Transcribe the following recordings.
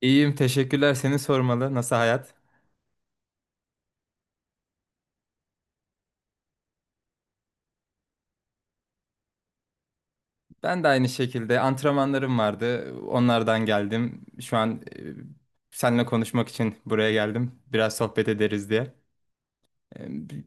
İyiyim, teşekkürler. Seni sormalı. Nasıl hayat? Ben de aynı şekilde antrenmanlarım vardı. Onlardan geldim. Şu an seninle konuşmak için buraya geldim. Biraz sohbet ederiz diye. E, bi-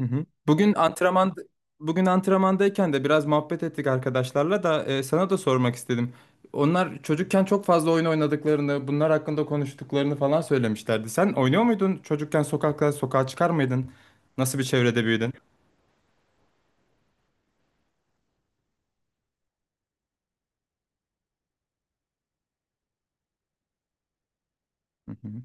hı hı. Bugün antrenmandayken de biraz muhabbet ettik arkadaşlarla da sana da sormak istedim. Onlar çocukken çok fazla oyun oynadıklarını, bunlar hakkında konuştuklarını falan söylemişlerdi. Sen oynuyor muydun? Çocukken sokakta sokağa çıkar mıydın? Nasıl bir çevrede büyüdün? Hı hı.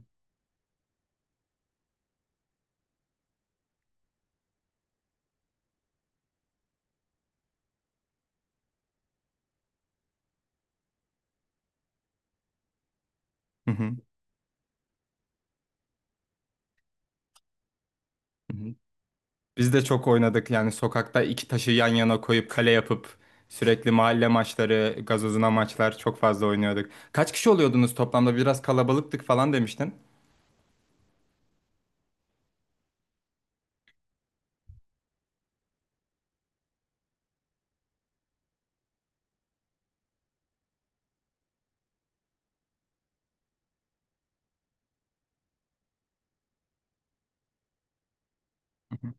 Hı hı. Biz de çok oynadık yani sokakta iki taşı yan yana koyup kale yapıp sürekli mahalle maçları, gazozuna maçlar çok fazla oynuyorduk. Kaç kişi oluyordunuz toplamda? Biraz kalabalıktık falan demiştin. Hı hı.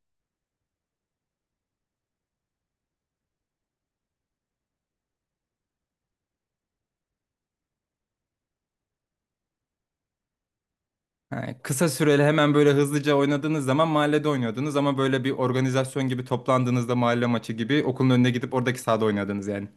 Ha, kısa süreli hemen böyle hızlıca oynadığınız zaman mahallede oynuyordunuz ama böyle bir organizasyon gibi toplandığınızda mahalle maçı gibi okulun önüne gidip oradaki sahada oynadınız yani.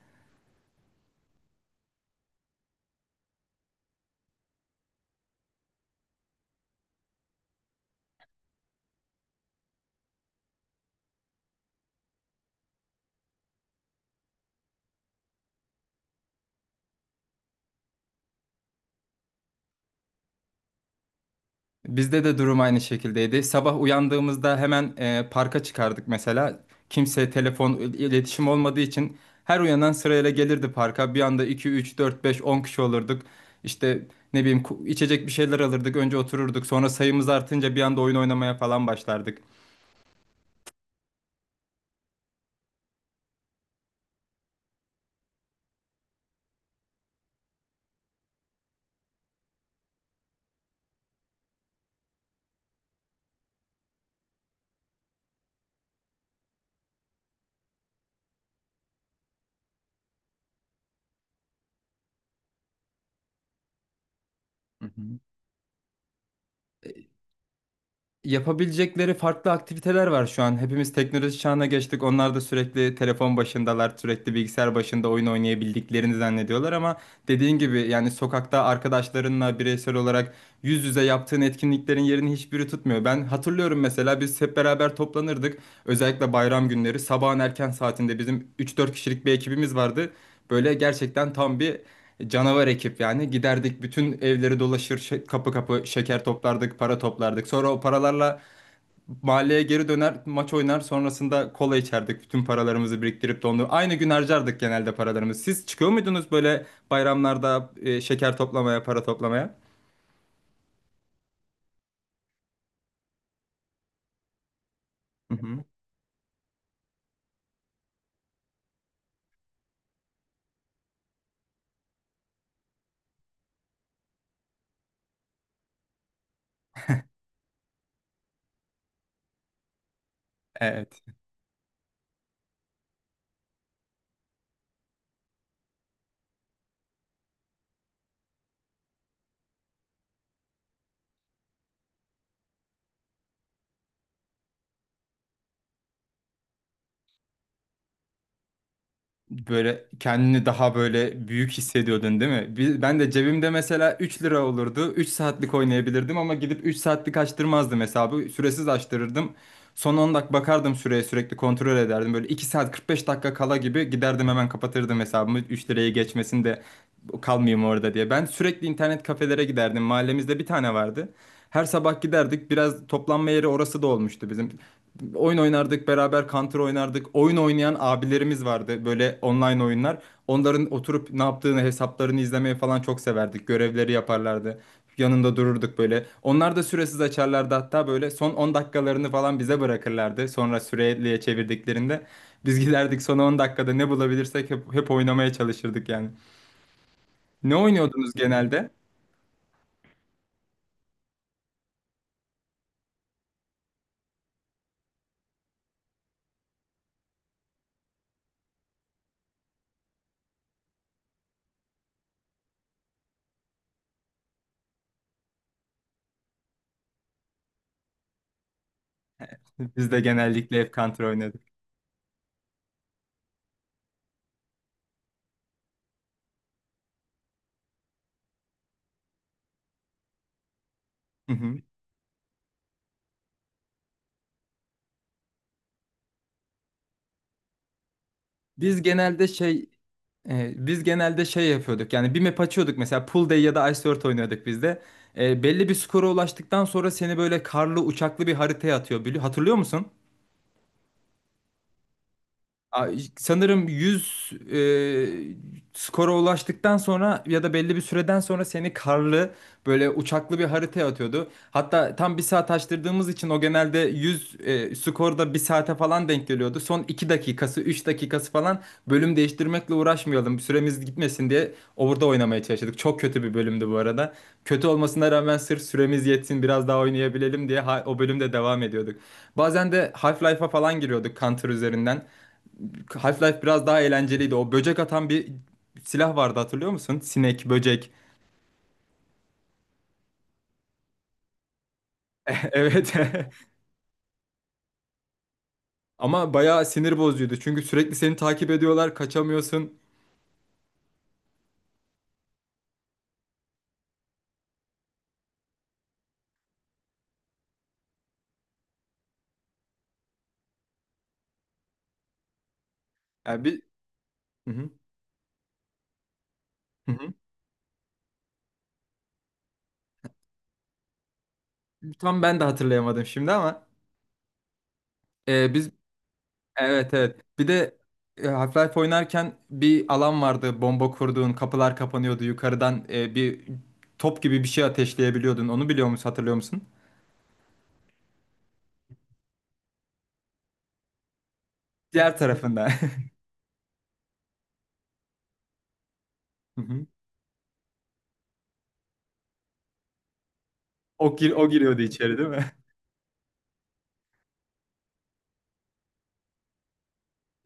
Bizde de durum aynı şekildeydi. Sabah uyandığımızda hemen parka çıkardık mesela. Kimse telefon iletişim olmadığı için her uyanan sırayla gelirdi parka. Bir anda 2 3 4 5 10 kişi olurduk. İşte ne bileyim içecek bir şeyler alırdık. Önce otururduk. Sonra sayımız artınca bir anda oyun oynamaya falan başlardık. Hı hı. Yapabilecekleri farklı aktiviteler var şu an. Hepimiz teknoloji çağına geçtik. Onlar da sürekli telefon başındalar, sürekli bilgisayar başında oyun oynayabildiklerini zannediyorlar ama dediğin gibi yani sokakta arkadaşlarınla bireysel olarak yüz yüze yaptığın etkinliklerin yerini hiçbiri tutmuyor. Ben hatırlıyorum mesela biz hep beraber toplanırdık. Özellikle bayram günleri sabahın erken saatinde bizim üç dört kişilik bir ekibimiz vardı. Böyle gerçekten tam bir canavar ekip yani. Giderdik bütün evleri dolaşır kapı kapı şeker toplardık, para toplardık. Sonra o paralarla mahalleye geri döner maç oynar sonrasında kola içerdik. Bütün paralarımızı biriktirip de onu aynı gün harcardık genelde paralarımızı. Siz çıkıyor muydunuz böyle bayramlarda şeker toplamaya, para toplamaya? Hı hı. Evet. Böyle kendini daha böyle büyük hissediyordun değil mi? Ben de cebimde mesela 3 lira olurdu. 3 saatlik oynayabilirdim ama gidip 3 saatlik açtırmazdım hesabı. Süresiz açtırırdım. Son 10 dakika bakardım süreye, sürekli kontrol ederdim. Böyle 2 saat 45 dakika kala gibi giderdim, hemen kapatırdım hesabımı. 3 lirayı geçmesin de kalmayayım orada diye. Ben sürekli internet kafelere giderdim. Mahallemizde bir tane vardı. Her sabah giderdik. Biraz toplanma yeri orası da olmuştu bizim. Oyun oynardık beraber, Counter oynardık. Oyun oynayan abilerimiz vardı, böyle online oyunlar. Onların oturup ne yaptığını, hesaplarını izlemeye falan çok severdik. Görevleri yaparlardı. Yanında dururduk böyle. Onlar da süresiz açarlardı, hatta böyle son 10 dakikalarını falan bize bırakırlardı. Sonra süreliye çevirdiklerinde biz giderdik son 10 dakikada ne bulabilirsek hep oynamaya çalışırdık yani. Ne oynuyordunuz genelde? Biz de genellikle hep Counter oynadık. Hı hı. Biz genelde şey biz genelde şey yapıyorduk yani, bir map açıyorduk mesela, Pool Day ya da Ice Earth oynuyorduk biz de. Belli bir skora ulaştıktan sonra seni böyle karlı uçaklı bir haritaya atıyor. Hatırlıyor musun? Ay, sanırım 100 skora ulaştıktan sonra ya da belli bir süreden sonra seni karlı böyle uçaklı bir haritaya atıyordu. Hatta tam bir saat açtırdığımız için o genelde 100 skorda bir saate falan denk geliyordu. Son 2 dakikası 3 dakikası falan, bölüm değiştirmekle uğraşmayalım süremiz gitmesin diye orada oynamaya çalıştık. Çok kötü bir bölümdü bu arada. Kötü olmasına rağmen sırf süremiz yetsin, biraz daha oynayabilelim diye o bölümde devam ediyorduk. Bazen de Half-Life'a falan giriyorduk Counter üzerinden. Half-Life biraz daha eğlenceliydi. O böcek atan bir silah vardı, hatırlıyor musun? Sinek, böcek. Evet. Ama bayağı sinir bozucuydu. Çünkü sürekli seni takip ediyorlar, kaçamıyorsun. Yani bir Hı hı, hı hı. Tam ben de hatırlayamadım şimdi ama e, biz evet evet. Bir de Half-Life oynarken bir alan vardı. Bomba kurduğun, kapılar kapanıyordu. Yukarıdan bir top gibi bir şey ateşleyebiliyordun. Onu biliyor musun, hatırlıyor musun? Diğer tarafından. Hı hı. O giriyordu içeri değil mi?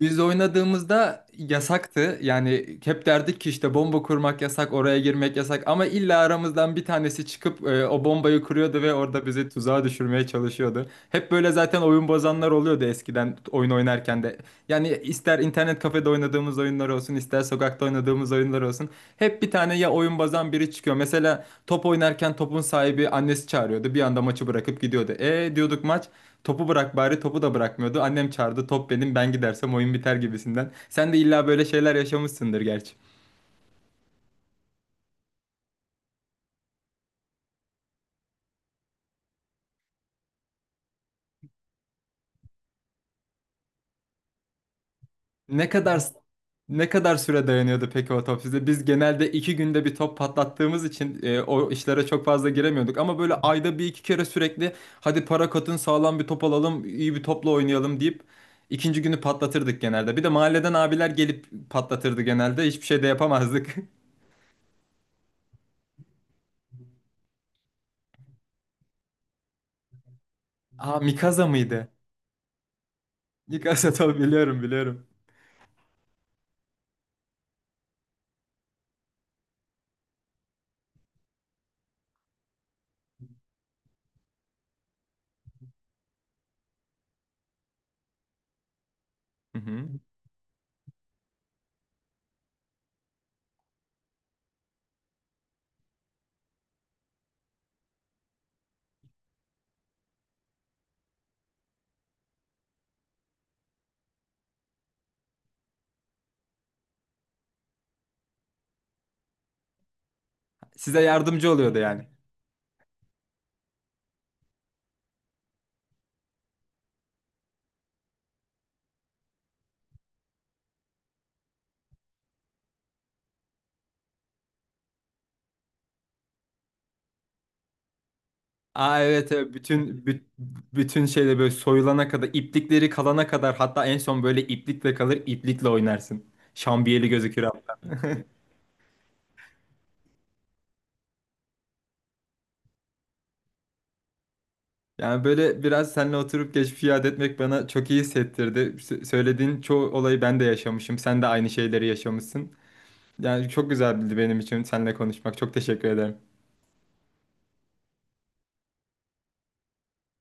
Biz oynadığımızda yasaktı. Yani hep derdik ki işte bomba kurmak yasak, oraya girmek yasak. Ama illa aramızdan bir tanesi çıkıp o bombayı kuruyordu ve orada bizi tuzağa düşürmeye çalışıyordu. Hep böyle zaten oyun bozanlar oluyordu eskiden oyun oynarken de. Yani ister internet kafede oynadığımız oyunlar olsun, ister sokakta oynadığımız oyunlar olsun, hep bir tane ya oyun bozan biri çıkıyor. Mesela top oynarken topun sahibi, annesi çağırıyordu, bir anda maçı bırakıp gidiyordu. E, diyorduk, maç, topu bırak bari, topu da bırakmıyordu. Annem çağırdı, top benim, ben gidersem oyun biter gibisinden. Sen de illa böyle şeyler yaşamışsındır gerçi. Ne kadar ne kadar süre dayanıyordu peki o top? Biz genelde 2 günde bir top patlattığımız için o işlere çok fazla giremiyorduk. Ama böyle ayda bir iki kere, sürekli hadi para katın sağlam bir top alalım, iyi bir topla oynayalım deyip ikinci günü patlatırdık genelde. Bir de mahalleden abiler gelip patlatırdı genelde. Hiçbir şey de yapamazdık. Aa, Mikasa mıydı? Mikasa top, biliyorum biliyorum. Hı hı. Size yardımcı oluyordu yani. Aa evet, evet bütün şeyle böyle soyulana kadar, iplikleri kalana kadar, hatta en son böyle iplikle kalır, iplikle oynarsın. Şambiyeli gözükür. Yani böyle biraz seninle oturup geçmişi yad etmek bana çok iyi hissettirdi. Söylediğin çoğu olayı ben de yaşamışım. Sen de aynı şeyleri yaşamışsın. Yani çok güzeldi benim için seninle konuşmak. Çok teşekkür ederim.